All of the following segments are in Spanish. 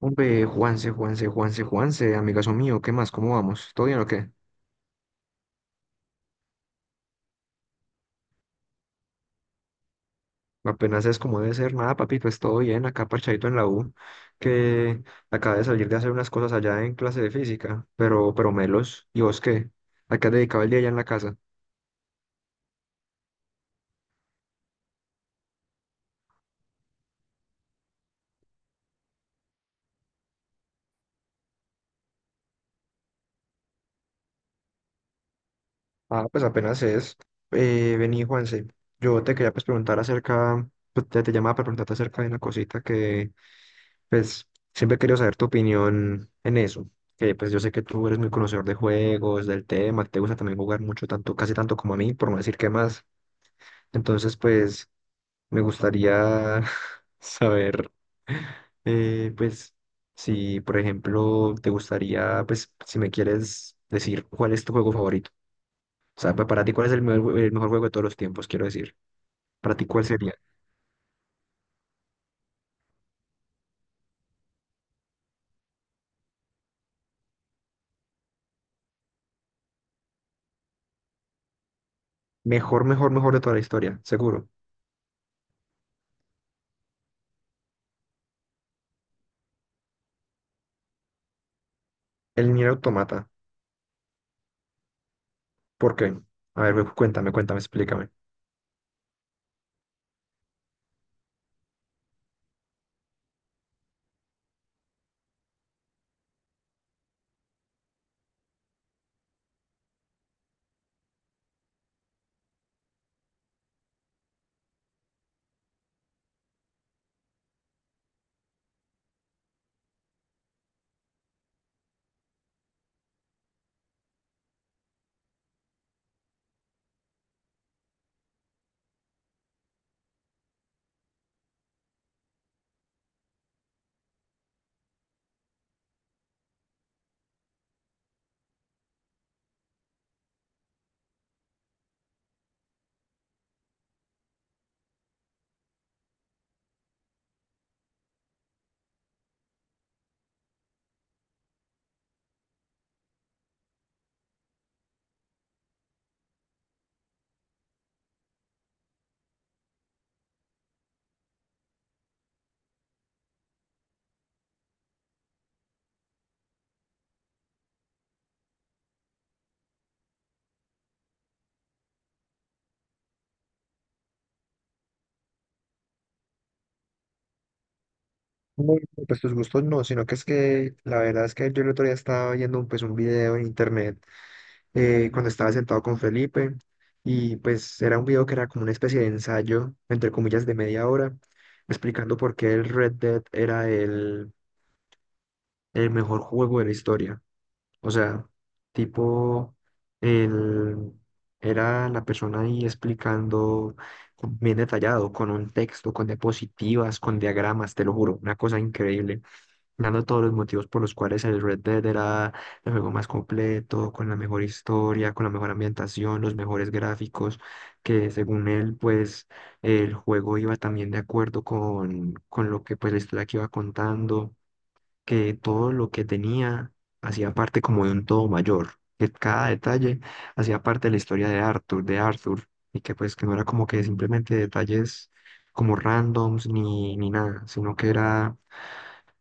Hombre, Juanse, amigazo mío, ¿qué más? ¿Cómo vamos? ¿Todo bien o qué? Apenas es como debe ser, nada, papito, es todo bien, acá parchadito en la U, que acabé de salir de hacer unas cosas allá en clase de física, pero melos, ¿y vos qué? ¿A qué has dedicado el día allá en la casa? Ah, pues apenas es. Vení, Juanse, yo te quería pues preguntar te llamaba para preguntarte acerca de una cosita que, pues siempre he querido saber tu opinión en eso, que pues yo sé que tú eres muy conocedor de juegos, del tema, que te gusta también jugar mucho, tanto, casi tanto como a mí, por no decir que más. Entonces, pues me gustaría saber, pues, si, por ejemplo, te gustaría, pues, si me quieres decir cuál es tu juego favorito. O sea, para ti, ¿cuál es el mejor juego de todos los tiempos? Quiero decir, para ti, ¿cuál sería? Mejor de toda la historia, seguro. El Nier Automata. ¿Por qué? A ver, cuéntame, explícame. No, no, pues tus gustos no, sino que es que la verdad es que yo el otro día estaba viendo un video en internet cuando estaba sentado con Felipe, y pues era un video que era como una especie de ensayo, entre comillas, de media hora, explicando por qué el Red Dead era el mejor juego de la historia. O sea, tipo, él era la persona ahí explicando bien detallado, con un texto, con diapositivas, con diagramas, te lo juro, una cosa increíble, dando todos los motivos por los cuales el Red Dead era el juego más completo, con la mejor historia, con la mejor ambientación, los mejores gráficos, que según él, pues el juego iba también de acuerdo con lo que pues la historia que iba contando, que todo lo que tenía hacía parte como de un todo mayor, que cada detalle hacía parte de la historia de Arthur, y que pues que no era como que simplemente detalles como randoms ni nada, sino que era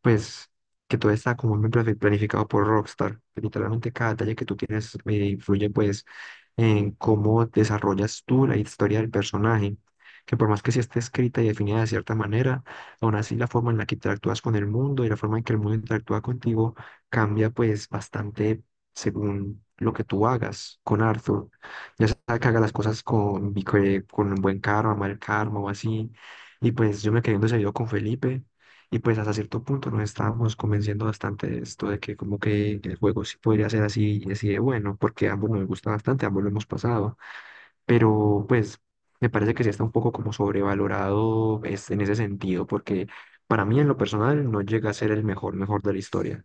pues que todo está como muy planificado por Rockstar, que literalmente cada detalle que tú tienes influye pues en cómo desarrollas tú la historia del personaje. Que por más que sí esté escrita y definida de cierta manera, aún así la forma en la que interactúas con el mundo y la forma en que el mundo interactúa contigo cambia pues bastante según lo que tú hagas con Arthur. Ya sea que haga las cosas con un buen karma, mal karma o así. Y pues yo me quedé en ese video con Felipe, y pues hasta cierto punto nos estábamos convenciendo bastante de esto, de que como que el juego sí podría ser así y así de bueno, porque a ambos nos gusta bastante, ambos lo hemos pasado, pero pues me parece que sí está un poco como sobrevalorado es, en ese sentido, porque para mí en lo personal no llega a ser mejor de la historia.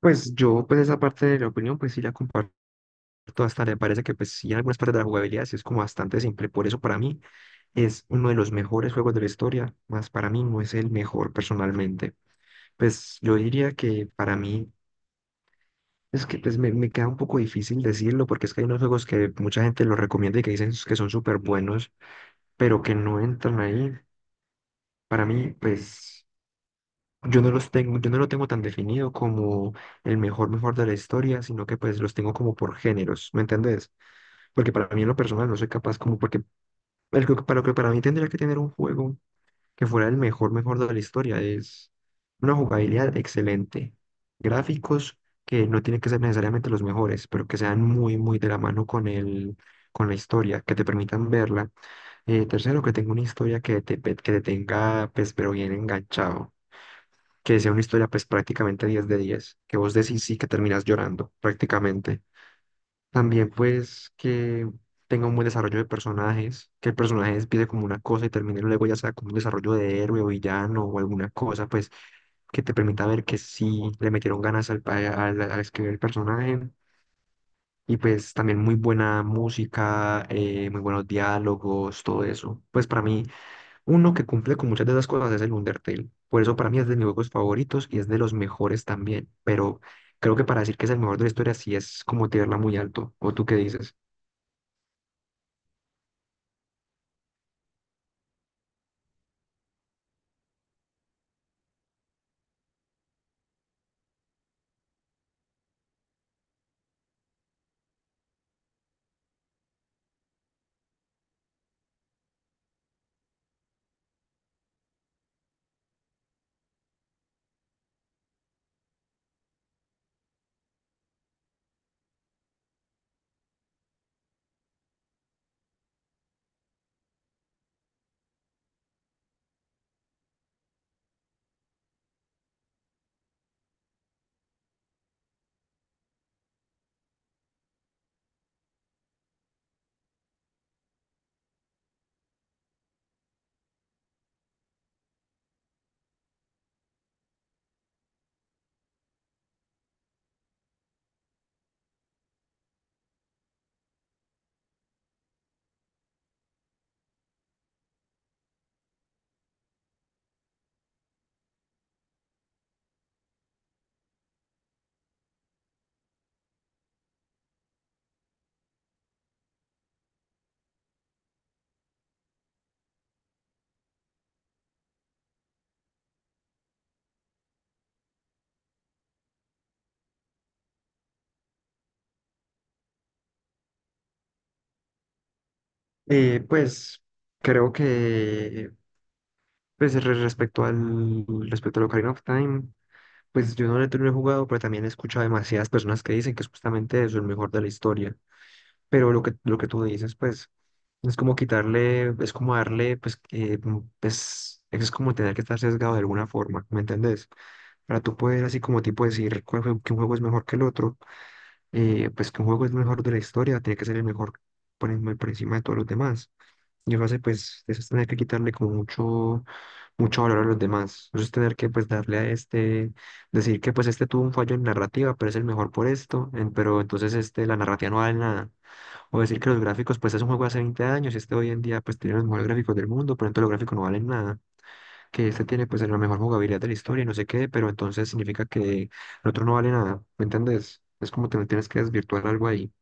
Pues esa parte de la opinión pues sí la comparto hasta, me parece que pues sí en algunas partes de la jugabilidad sí es como bastante simple, por eso para mí es uno de los mejores juegos de la historia, más para mí no es el mejor personalmente. Pues yo diría que para mí es que me queda un poco difícil decirlo porque es que hay unos juegos que mucha gente los recomienda y que dicen que son súper buenos, pero que no entran ahí. Para mí, pues yo no lo tengo tan definido como el mejor mejor de la historia, sino que pues los tengo como por géneros, ¿me entendés? Porque para mí en lo personal no soy capaz como porque para lo que para mí tendría que tener un juego que fuera el mejor, mejor de la historia. Es una jugabilidad excelente. Gráficos que no tienen que ser necesariamente los mejores, pero que sean muy, muy de la mano con la historia, que te permitan verla. Tercero, que tenga una historia que que te tenga, pues, pero bien enganchado. Que sea una historia, pues, prácticamente 10 de diez, que vos decís sí, que terminas llorando, prácticamente. También pues que tenga un buen desarrollo de personajes, que el personaje empiece como una cosa y termine luego ya sea como un desarrollo de héroe o villano o alguna cosa, pues que te permita ver que sí le metieron ganas al escribir el personaje. Y pues también muy buena música, muy buenos diálogos, todo eso. Pues para mí, uno que cumple con muchas de esas cosas es el Undertale. Por eso para mí es de mis juegos favoritos y es de los mejores también. Pero creo que para decir que es el mejor de la historia sí es como tirarla muy alto. ¿O tú qué dices? Y pues creo que pues respecto al respecto al Ocarina of Time, pues yo no lo he tenido jugado, pero también he escuchado demasiadas personas que dicen que es justamente eso, el mejor de la historia. Pero lo que tú dices, pues es como quitarle, es como darle, pues pues, es como tener que estar sesgado de alguna forma, ¿me entendés? Para tú poder así como tipo decir que un juego es mejor que el otro, pues que un juego es mejor de la historia, tiene que ser el mejor por encima de todos los demás. Y lo hace, pues, eso es tener que quitarle como mucho, mucho valor a los demás. Eso es tener que, pues, darle a este, decir que, pues, este tuvo un fallo en narrativa, pero es el mejor por esto, pero entonces, este, la narrativa no vale nada. O decir que los gráficos, pues, es un juego de hace 20 años y este hoy en día, pues, tiene los mejores gráficos del mundo, pero entonces los gráficos no valen nada. Que este tiene, pues, la mejor jugabilidad de la historia y no sé qué, pero entonces significa que el otro no vale nada. ¿Me entendés? Es como te tienes que desvirtuar algo ahí.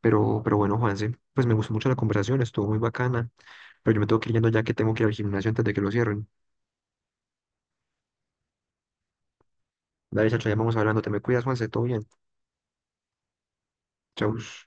Pero bueno, Juanse, pues me gustó mucho la conversación, estuvo muy bacana. Pero yo me tengo que ir yendo ya que tengo que ir al gimnasio antes de que lo cierren. Dale, chacho, ya vamos hablando. Te me cuidas, Juanse, todo bien. Chau.